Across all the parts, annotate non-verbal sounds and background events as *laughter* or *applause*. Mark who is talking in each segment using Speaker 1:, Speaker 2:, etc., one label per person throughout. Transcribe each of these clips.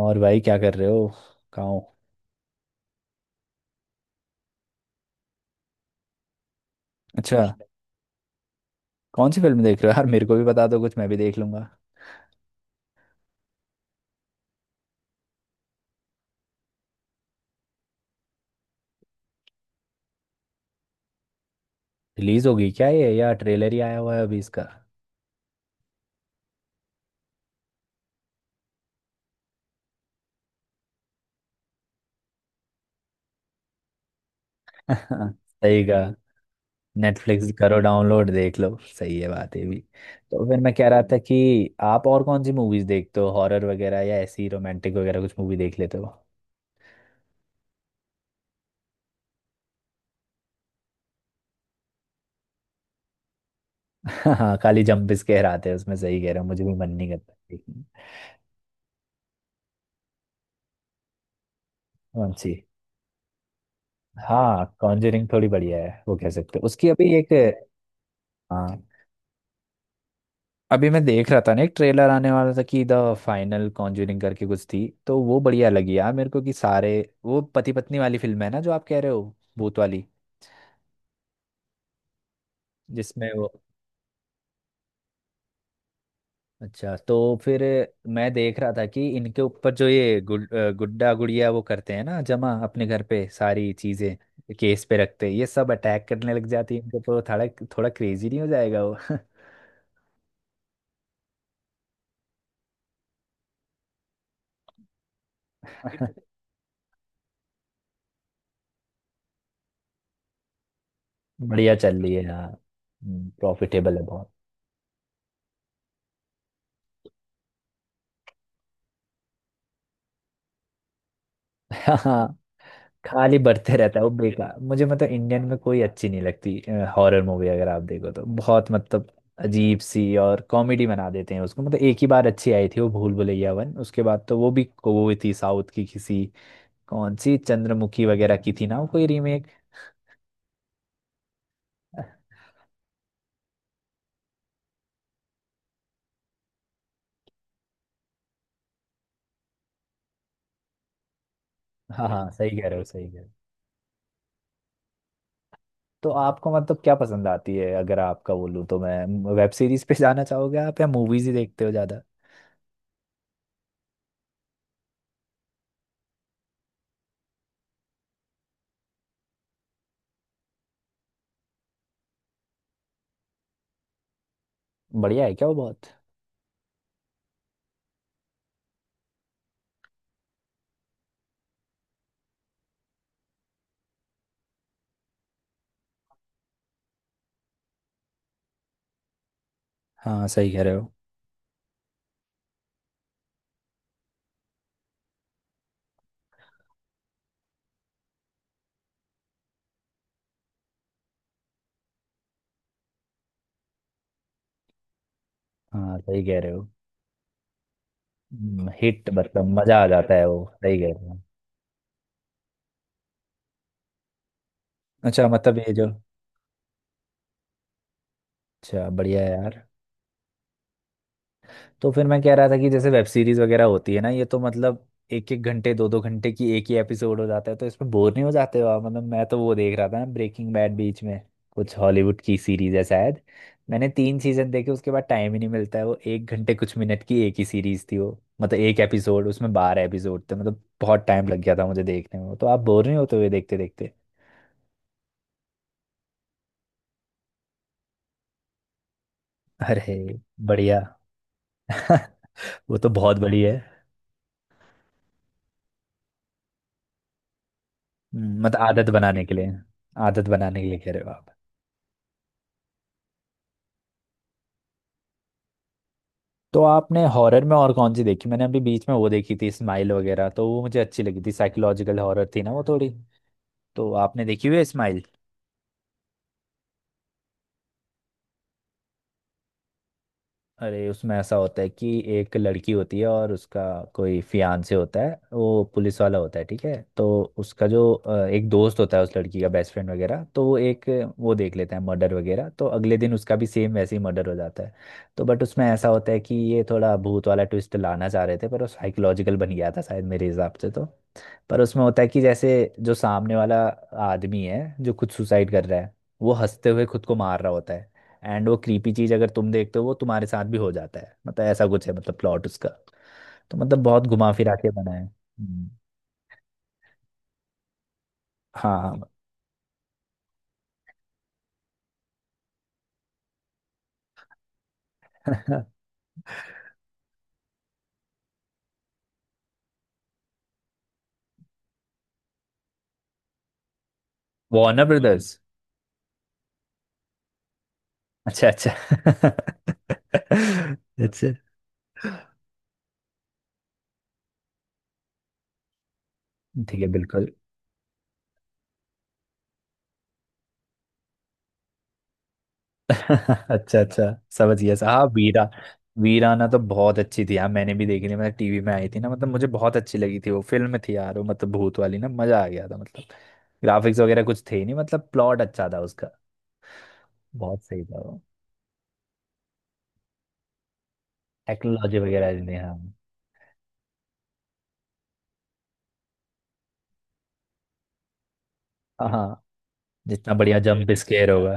Speaker 1: और भाई क्या कर रहे हो? कहाँ हो? अच्छा। कौन सी फिल्म देख रहे हो यार? मेरे को भी बता दो कुछ, मैं भी देख लूंगा। रिलीज होगी क्या ये, या ट्रेलर ही आया हुआ है अभी इसका? *laughs* सही कहा। नेटफ्लिक्स करो, डाउनलोड देख लो, सही है बात है भी। तो फिर मैं कह रहा था कि आप और कौन सी मूवीज देखते हो, हॉरर वगैरह या ऐसी रोमांटिक वगैरह कुछ मूवी देख लेते हो? *laughs* हाँ, खाली जंप स्केयर आते हैं उसमें। सही कह रहे हो, मुझे भी मन नहीं करता देखने का। कौन सी? हाँ, कॉन्जरिंग थोड़ी बढ़िया है, वो कह सकते हो। उसकी अभी एक। हाँ। अभी मैं देख रहा था ना, एक ट्रेलर आने वाला था कि द फाइनल कॉन्ज्यूरिंग करके कुछ थी, तो वो बढ़िया लगी यार मेरे को। कि सारे वो पति पत्नी वाली फिल्म है ना जो आप कह रहे हो, भूत वाली, जिसमें वो। अच्छा, तो फिर मैं देख रहा था कि इनके ऊपर जो ये गुड्डा गुड़िया वो करते हैं ना, जमा अपने घर पे सारी चीजें केस पे रखते हैं, ये सब अटैक करने लग जाती है इनके ऊपर वो थोड़ा। थोड़ा क्रेजी नहीं हो जाएगा वो? *laughs* बढ़िया चल रही है यार। प्रॉफिटेबल है बहुत। *laughs* खाली बढ़ते रहता है वो, बेकार मुझे। मतलब इंडियन में कोई अच्छी नहीं लगती हॉरर मूवी, अगर आप देखो तो। बहुत मतलब अजीब सी और कॉमेडी बना देते हैं उसको। मतलब एक ही बार अच्छी आई थी वो भूल भुलैया वन, उसके बाद तो वो भी वो थी साउथ की किसी। कौन सी चंद्रमुखी वगैरह की थी ना वो, कोई रीमेक। हाँ हाँ, सही कह रहे हो, सही कह रहे हो। तो आपको मतलब क्या पसंद आती है? अगर आपका बोलूँ तो मैं, वेब सीरीज पे जाना चाहोगे आप या मूवीज ही देखते हो ज्यादा? बढ़िया है क्या वो बहुत? हाँ, सही कह रहे हो। हाँ, सही कह रहे हो। हिट मतलब मजा आ जाता है वो, सही कह रहे हैं। अच्छा, मतलब ये जो। अच्छा, बढ़िया है यार। तो फिर मैं कह रहा था कि जैसे वेब सीरीज वगैरह होती है ना, ये तो मतलब एक एक घंटे दो दो घंटे की एक ही एपिसोड हो जाता है, तो इसमें बोर नहीं हो जाते हो आप? मतलब मैं तो वो देख रहा था ना ब्रेकिंग बैड, बीच में कुछ हॉलीवुड की सीरीज है शायद। मैंने तीन सीजन देखे, उसके बाद टाइम ही नहीं मिलता है। वो एक घंटे कुछ मिनट की एक ही सीरीज थी वो। मतलब एक एपिसोड, उसमें 12 एपिसोड थे, मतलब बहुत टाइम लग गया था मुझे देखने में वो। तो आप बोर नहीं होते हुए देखते देखते? अरे। बढ़िया। *laughs* वो तो बहुत बड़ी है। मतलब आदत बनाने के लिए। आदत बनाने के लिए कह रहे हो आप? तो आपने हॉरर में और कौन सी देखी? मैंने अभी बीच में वो देखी थी स्माइल वगैरह, तो वो मुझे अच्छी लगी थी। साइकोलॉजिकल हॉरर थी ना वो थोड़ी। तो आपने देखी हुई है स्माइल? अरे, उसमें ऐसा होता है कि एक लड़की होती है और उसका कोई फियांसे होता है, वो पुलिस वाला होता है, ठीक है? तो उसका जो एक दोस्त होता है, उस लड़की का बेस्ट फ्रेंड वगैरह, तो वो एक वो देख लेता है मर्डर वगैरह, तो अगले दिन उसका भी सेम वैसे ही मर्डर हो जाता है। तो बट उसमें ऐसा होता है कि ये थोड़ा भूत वाला ट्विस्ट लाना चाह रहे थे, पर वो साइकोलॉजिकल बन गया था शायद मेरे हिसाब से तो। पर उसमें होता है कि जैसे जो सामने वाला आदमी है जो खुद सुसाइड कर रहा है, वो हंसते हुए खुद को मार रहा होता है। एंड वो क्रीपी चीज अगर तुम देखते हो वो तुम्हारे साथ भी हो जाता है, मतलब ऐसा कुछ है, मतलब प्लॉट उसका। तो मतलब बहुत घुमा फिरा के बना है। हाँ। Warner brothers. अच्छा अच्छा। *laughs* अच्छा। ठीक है बिल्कुल। *laughs* अच्छा अच्छा, समझ गया सर, हाँ वीरा। वीराना तो बहुत अच्छी थी यार, मैंने भी देखी थी। मतलब टीवी में आई थी ना, मतलब मुझे बहुत अच्छी लगी थी वो फिल्म थी यार वो, मतलब भूत वाली ना, मजा आ गया था मतलब। ग्राफिक्स वगैरह कुछ थे ही नहीं, मतलब प्लॉट अच्छा था उसका। बहुत सही था। टेक्नोलॉजी वगैरह नहीं, हाँ। हाँ हाँ, जितना बढ़िया जंप स्केयर होगा।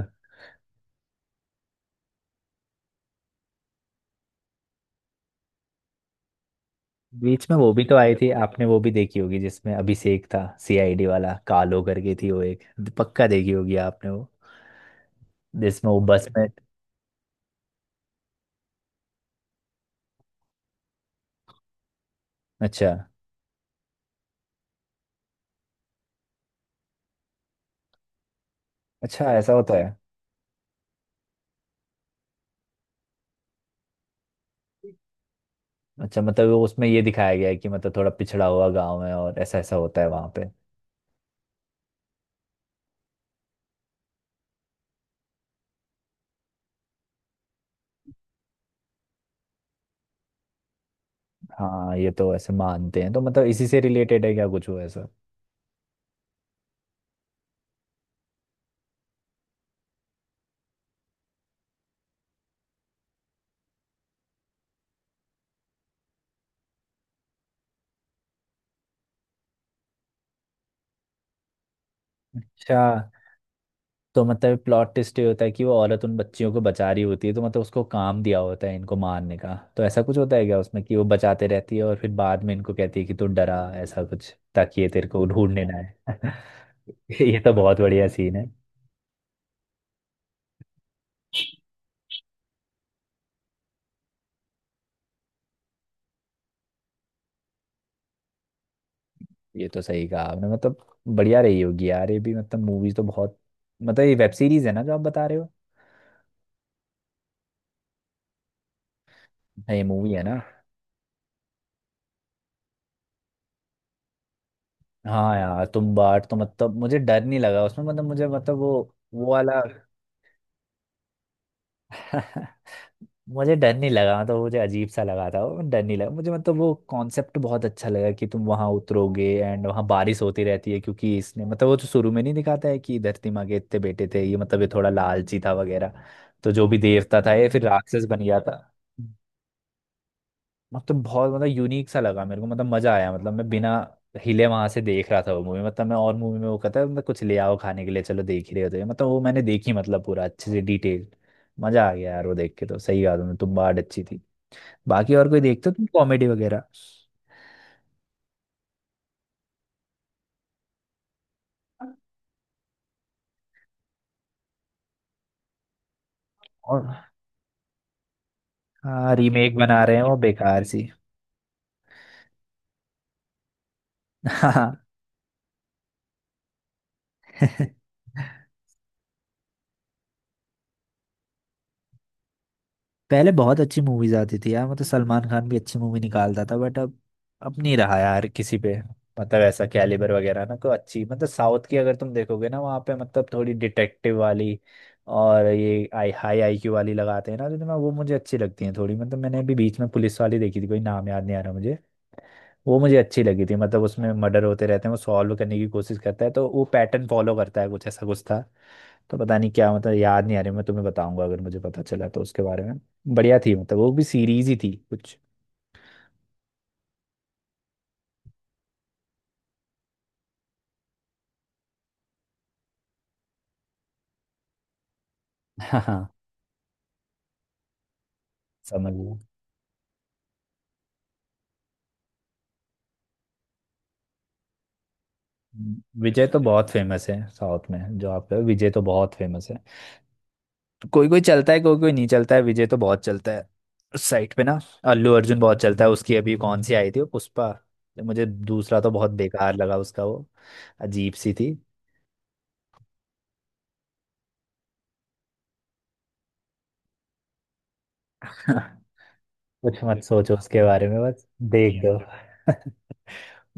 Speaker 1: बीच में वो भी तो आई थी, आपने वो भी देखी होगी, जिसमें अभिषेक था सीआईडी वाला, कालो करके थी वो एक। पक्का देखी होगी आपने वो, जिसमें वो बस में। अच्छा। अच्छा, ऐसा होता है। अच्छा, मतलब वो उसमें ये दिखाया गया है कि मतलब थोड़ा पिछड़ा हुआ गांव है और ऐसा ऐसा होता है वहां पे। हाँ, ये तो ऐसे मानते हैं, तो मतलब इसी से रिलेटेड है क्या कुछ वो ऐसा? अच्छा, तो मतलब प्लॉट ट्विस्ट ये होता है कि वो औरत उन बच्चियों को बचा रही होती है, तो मतलब उसको काम दिया होता है इनको मारने का, तो ऐसा कुछ होता है क्या उसमें कि वो बचाते रहती है और फिर बाद में इनको कहती है कि तू डरा ऐसा कुछ, ताकि ये तेरे को ढूंढने ना आए? *laughs* ये तो बहुत बढ़िया सीन है। ये तो सही कहा आपने, मतलब बढ़िया रही होगी यार ये भी, मतलब मूवीज तो बहुत। मतलब ये वेब सीरीज है ना जो आप बता रहे हो? हाँ, ये मूवी है ना? हाँ यार तुम बाट, तो मतलब मुझे डर नहीं लगा उसमें, मतलब मुझे, मतलब वो वाला। *laughs* मुझे डर नहीं लगा, मतलब मुझे अजीब सा लगा था वो, डर नहीं लगा मुझे। मतलब वो कॉन्सेप्ट बहुत अच्छा लगा कि तुम वहां उतरोगे एंड वहां बारिश होती रहती है, क्योंकि इसने मतलब वो तो शुरू में नहीं दिखाता है कि धरती माँ के इतने बेटे थे, ये मतलब ये थोड़ा लालची था वगैरह। तो जो भी देवता था ये फिर राक्षस बन गया था। मतलब बहुत, मतलब यूनिक सा लगा मेरे को, मतलब मजा आया, मतलब मैं बिना हिले वहां से देख रहा था वो मूवी। मतलब मैं, और मूवी में वो कहता है मतलब कुछ ले आओ खाने के लिए, चलो देख ही रहे होते हैं, मतलब वो मैंने देखी मतलब पूरा अच्छे से डिटेल। मजा आ गया यार वो देख के, तो सही कहा तुमने, तुम बात अच्छी थी। बाकी और कोई देखते हो तुम, कॉमेडी वगैरह? और। हाँ, रीमेक बना रहे हैं वो बेकार सी। हाँ। *laughs* पहले बहुत अच्छी मूवीज आती थी यार, मतलब सलमान खान भी अच्छी मूवी निकालता था, बट अब नहीं रहा यार किसी पे। मतलब ऐसा कैलिबर वगैरह ना, कोई अच्छी। मतलब साउथ की अगर तुम देखोगे ना, वहाँ पे मतलब थोड़ी डिटेक्टिव वाली। और ये आई हाई IQ वाली लगाते हैं ना, तो मैं वो मुझे अच्छी लगती है थोड़ी। मतलब मैंने अभी बीच में पुलिस वाली देखी थी, कोई नाम याद नहीं आ रहा मुझे। वो मुझे अच्छी लगी थी, मतलब उसमें मर्डर होते रहते हैं, वो सॉल्व करने की कोशिश करता है, तो वो पैटर्न फॉलो करता है कुछ, ऐसा कुछ था। तो पता नहीं क्या, मतलब याद नहीं आ रही। मैं तुम्हें बताऊंगा अगर मुझे पता चला तो उसके बारे में। बढ़िया थी, मतलब वो भी सीरीज ही थी कुछ। हाँ हाँ, समझ लो। विजय तो बहुत फेमस है साउथ में, जो आप कहो, विजय तो बहुत फेमस है। तो कोई कोई चलता है कोई कोई नहीं चलता है, विजय तो बहुत चलता है उस साइड पे ना। अल्लू अर्जुन बहुत चलता है। उसकी अभी कौन सी आई थी वो, पुष्पा। मुझे दूसरा तो बहुत बेकार लगा उसका वो, अजीब सी थी। *laughs* कुछ मत सोचो उसके बारे में बस, देख दो। *laughs*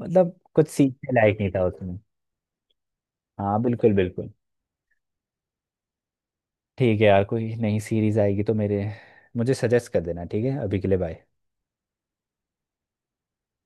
Speaker 1: मतलब कुछ सीखने लायक नहीं था उसमें। हाँ, बिल्कुल बिल्कुल। ठीक है यार, कोई नई सीरीज आएगी तो मेरे मुझे सजेस्ट कर देना। ठीक है, अभी के लिए बाय।